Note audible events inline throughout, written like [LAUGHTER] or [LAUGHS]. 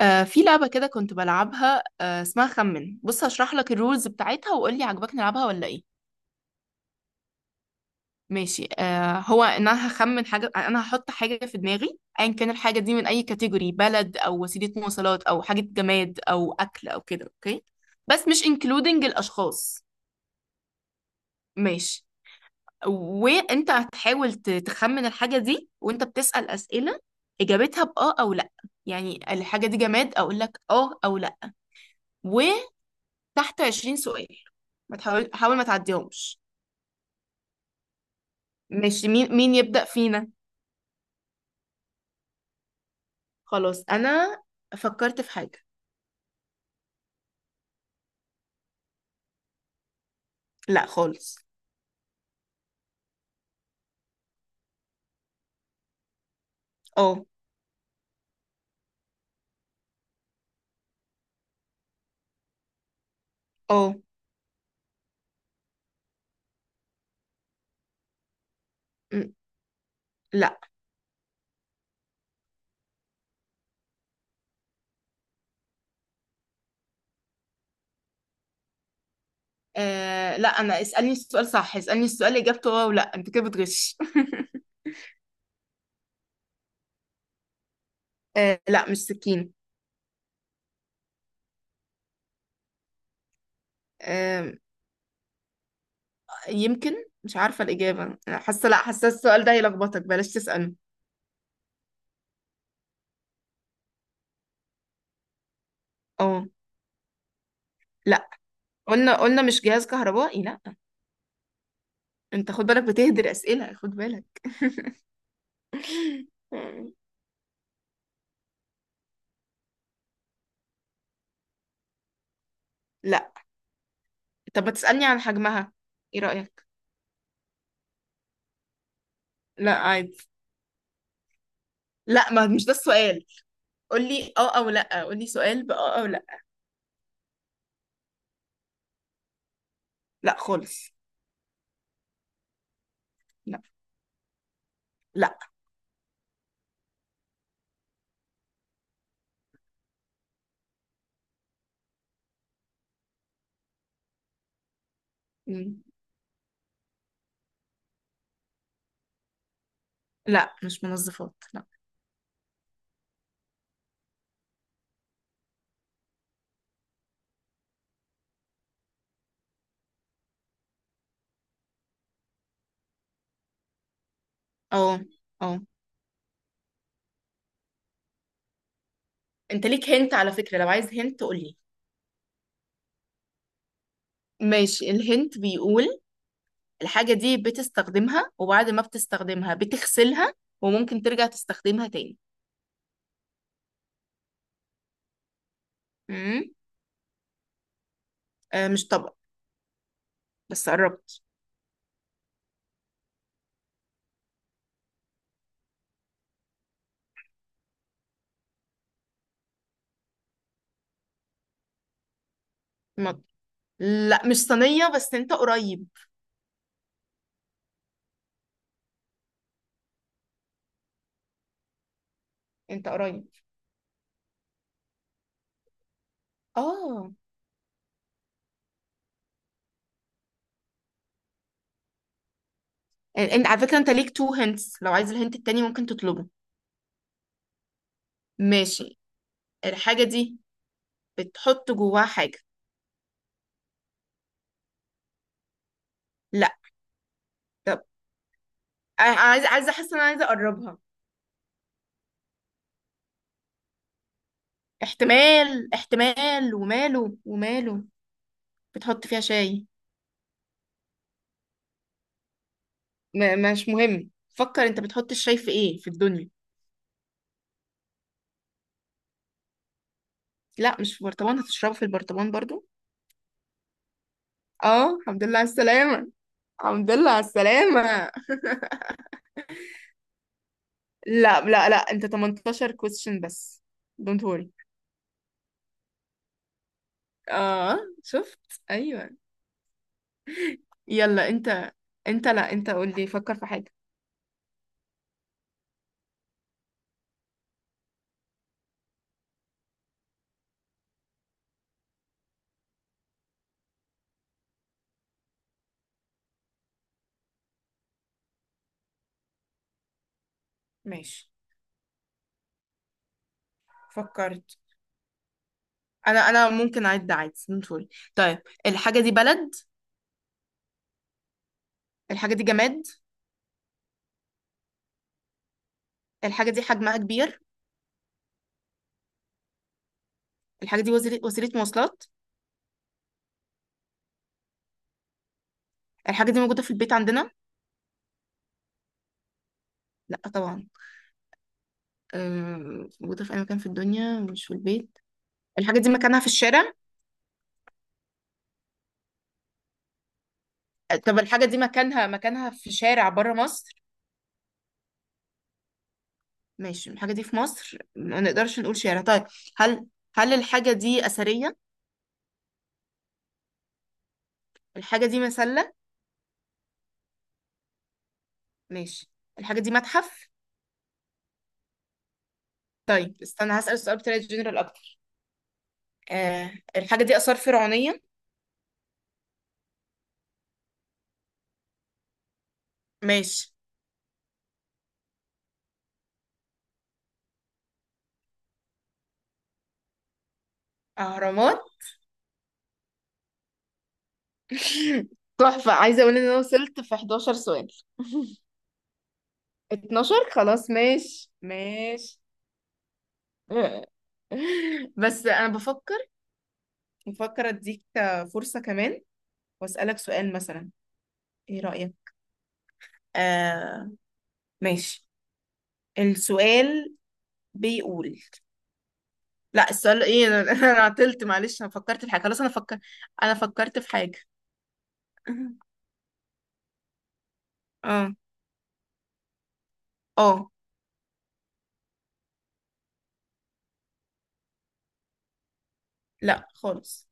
آه في لعبة كده كنت بلعبها. آه اسمها خمن. بص هشرح لك الرولز بتاعتها وقول لي عجبك نلعبها ولا ايه. ماشي. آه هو ان هخمن حاجة، انا هحط حاجة في دماغي ايا كان الحاجة دي، من اي كاتيجوري، بلد او وسيلة مواصلات او حاجة جماد او اكل او كده، اوكي؟ بس مش انكلودنج الاشخاص. ماشي. وانت هتحاول تخمن الحاجة دي وانت بتسأل أسئلة اجابتها باه او لا. يعني الحاجة دي جماد، اقول لك اه او لا. تحت 20 سؤال، ما تحاول حاول ما تعديهمش. مش مين مين يبدأ فينا؟ خلاص انا فكرت في حاجة. لا خالص. اه. اه. م، لا. آه لا، اسألني السؤال صح، اسألني السؤال اجابته اه ولا، انت كده بتغش. [LAUGHS] آه لا مش سكين. آه، يمكن. مش عارفة الإجابة، حاسة لا، حاسة السؤال ده هيلخبطك، بلاش تسأله. اه. لا، قلنا مش جهاز كهربائي لا. انت خد بالك بتهدر أسئلة، خد بالك. [LAUGHS] لا. طب ما تسألني عن حجمها، ايه رأيك؟ لا عادي. لا، ما مش ده السؤال، قولي اه او لا، قولي سؤال باه او لا. لا خالص. لا. لا. مم. لا مش منظفات لا. اه. اه. انت ليك هنت على فكرة، لو عايز هنت قولي. ماشي، الهنت بيقول: الحاجة دي بتستخدمها، وبعد ما بتستخدمها بتغسلها وممكن ترجع تستخدمها تاني. امم آه مش طبق، بس قربت. مج- لا مش صينية، بس انت قريب. انت قريب. اه. انت على فكرة انت ليك تو هنتس، لو عايز الهنت التاني ممكن تطلبه. ماشي. الحاجة دي بتحط جواها حاجة. لا. طب أنا عايزة احس ان عايزة اقربها. احتمال احتمال، وماله وماله. بتحط فيها شاي. مش مهم، فكر انت بتحط الشاي في ايه في الدنيا. لا مش في برطمان، هتشربه في البرطمان برضو؟ اه، الحمد لله على السلامة، الحمد لله على السلامة. [LAUGHS] لا، انت 18 question بس. don't worry. اه. شفت، ايوه. يلا انت، انت لا انت قول لي، فكر في حاجة. ماشي. فكرت. انا ممكن اعد عادي، سوري. طيب. الحاجة دي بلد؟ الحاجة دي جماد؟ الحاجة دي حجمها كبير؟ الحاجة دي وسيلة مواصلات؟ الحاجة دي موجودة في البيت عندنا؟ لا طبعا. موجودة في اي مكان في الدنيا مش في البيت. الحاجة دي مكانها في الشارع؟ طب الحاجة دي مكانها في شارع بره مصر؟ ماشي، الحاجة دي في مصر، ما نقدرش نقول شارع، طيب. هل هل الحاجة دي أثرية؟ الحاجة دي مسلة؟ ماشي. الحاجة دي متحف؟ طيب استنى، هسأل السؤال بطريقة جنرال أكتر. آه. الحاجة دي آثار فرعونية؟ ماشي. أهرامات؟ [LAUGHS] تحفة. عايزة أقول إن أنا وصلت في 11 سؤال. [LAUGHS] 12، خلاص ماشي ماشي. [LAUGHS] بس أنا بفكر أديك فرصة كمان، وأسألك سؤال مثلا، إيه رأيك؟ آه. ماشي. السؤال بيقول: لا، السؤال ايه، انا [LAUGHS] انا عطلت، معلش، انا فكرت في حاجه خلاص انا فكر. انا فكرت في حاجه. [LAUGHS] اه. اه. لا خالص.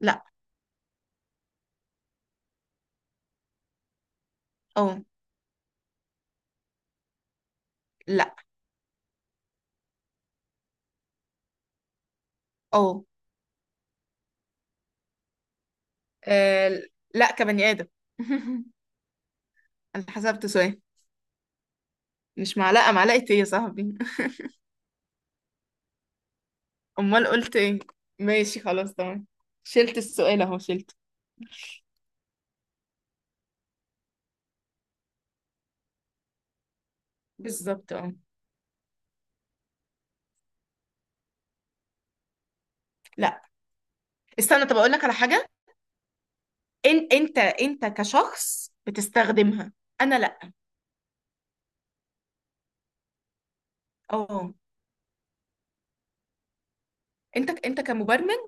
لا. اه. لا. اه. آه، لا، كبني ادم. [LAUGHS] انا حسبت سؤال. مش معلقه، معلقه ايه يا صاحبي؟ [LAUGHS] امال قلت ايه؟ ماشي خلاص تمام، شلت السؤال، اهو شلته. بالظبط اه. لا استنى، طب اقول لك على حاجه. ان انت كشخص بتستخدمها، انا لا. اه. انت كمبرمج،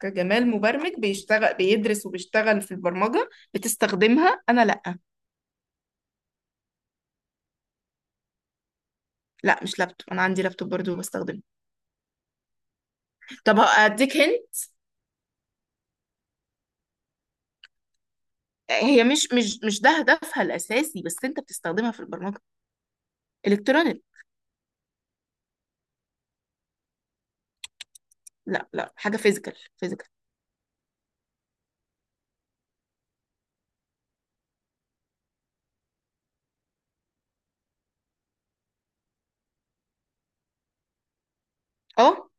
كجمال مبرمج بيشتغل بيدرس وبيشتغل في البرمجة بتستخدمها، أنا لأ. لأ مش لابتوب، أنا عندي لابتوب برضو بستخدمه. طب هديك هنت. هي مش مش ده هدفها الأساسي، بس أنت بتستخدمها في البرمجة. إلكترونيك. لأ لأ، حاجة فيزيكال فيزيكال. أه.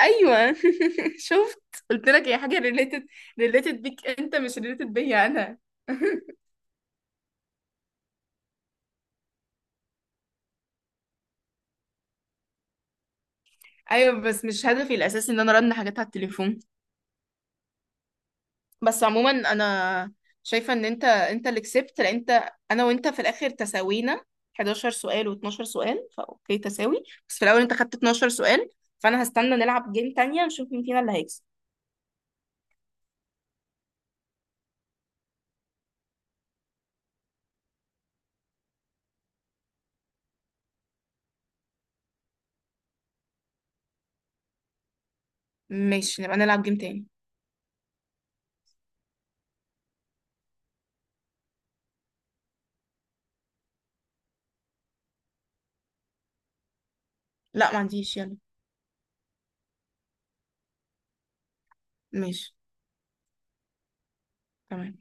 أيوه. [LAUGHS] شفت، قلت لك هي حاجة ريليتد، ريليتد بيك أنت، مش ريليتد بيا أنا. [LAUGHS] أيوه، بس مش هدفي الأساسي إن أنا أرن حاجات على التليفون. بس عموما انا شايفه ان انت اللي كسبت، لان انت، انا وانت في الاخر تساوينا، 11 سؤال و12 سؤال، فاوكي تساوي، بس في الاول انت خدت 12 سؤال، فانا هستنى نلعب جيم تانية نشوف مين فينا اللي هيكسب. ماشي، نبقى نلعب جيم تاني. لا ما عنديش، يلا. ماشي. تمام.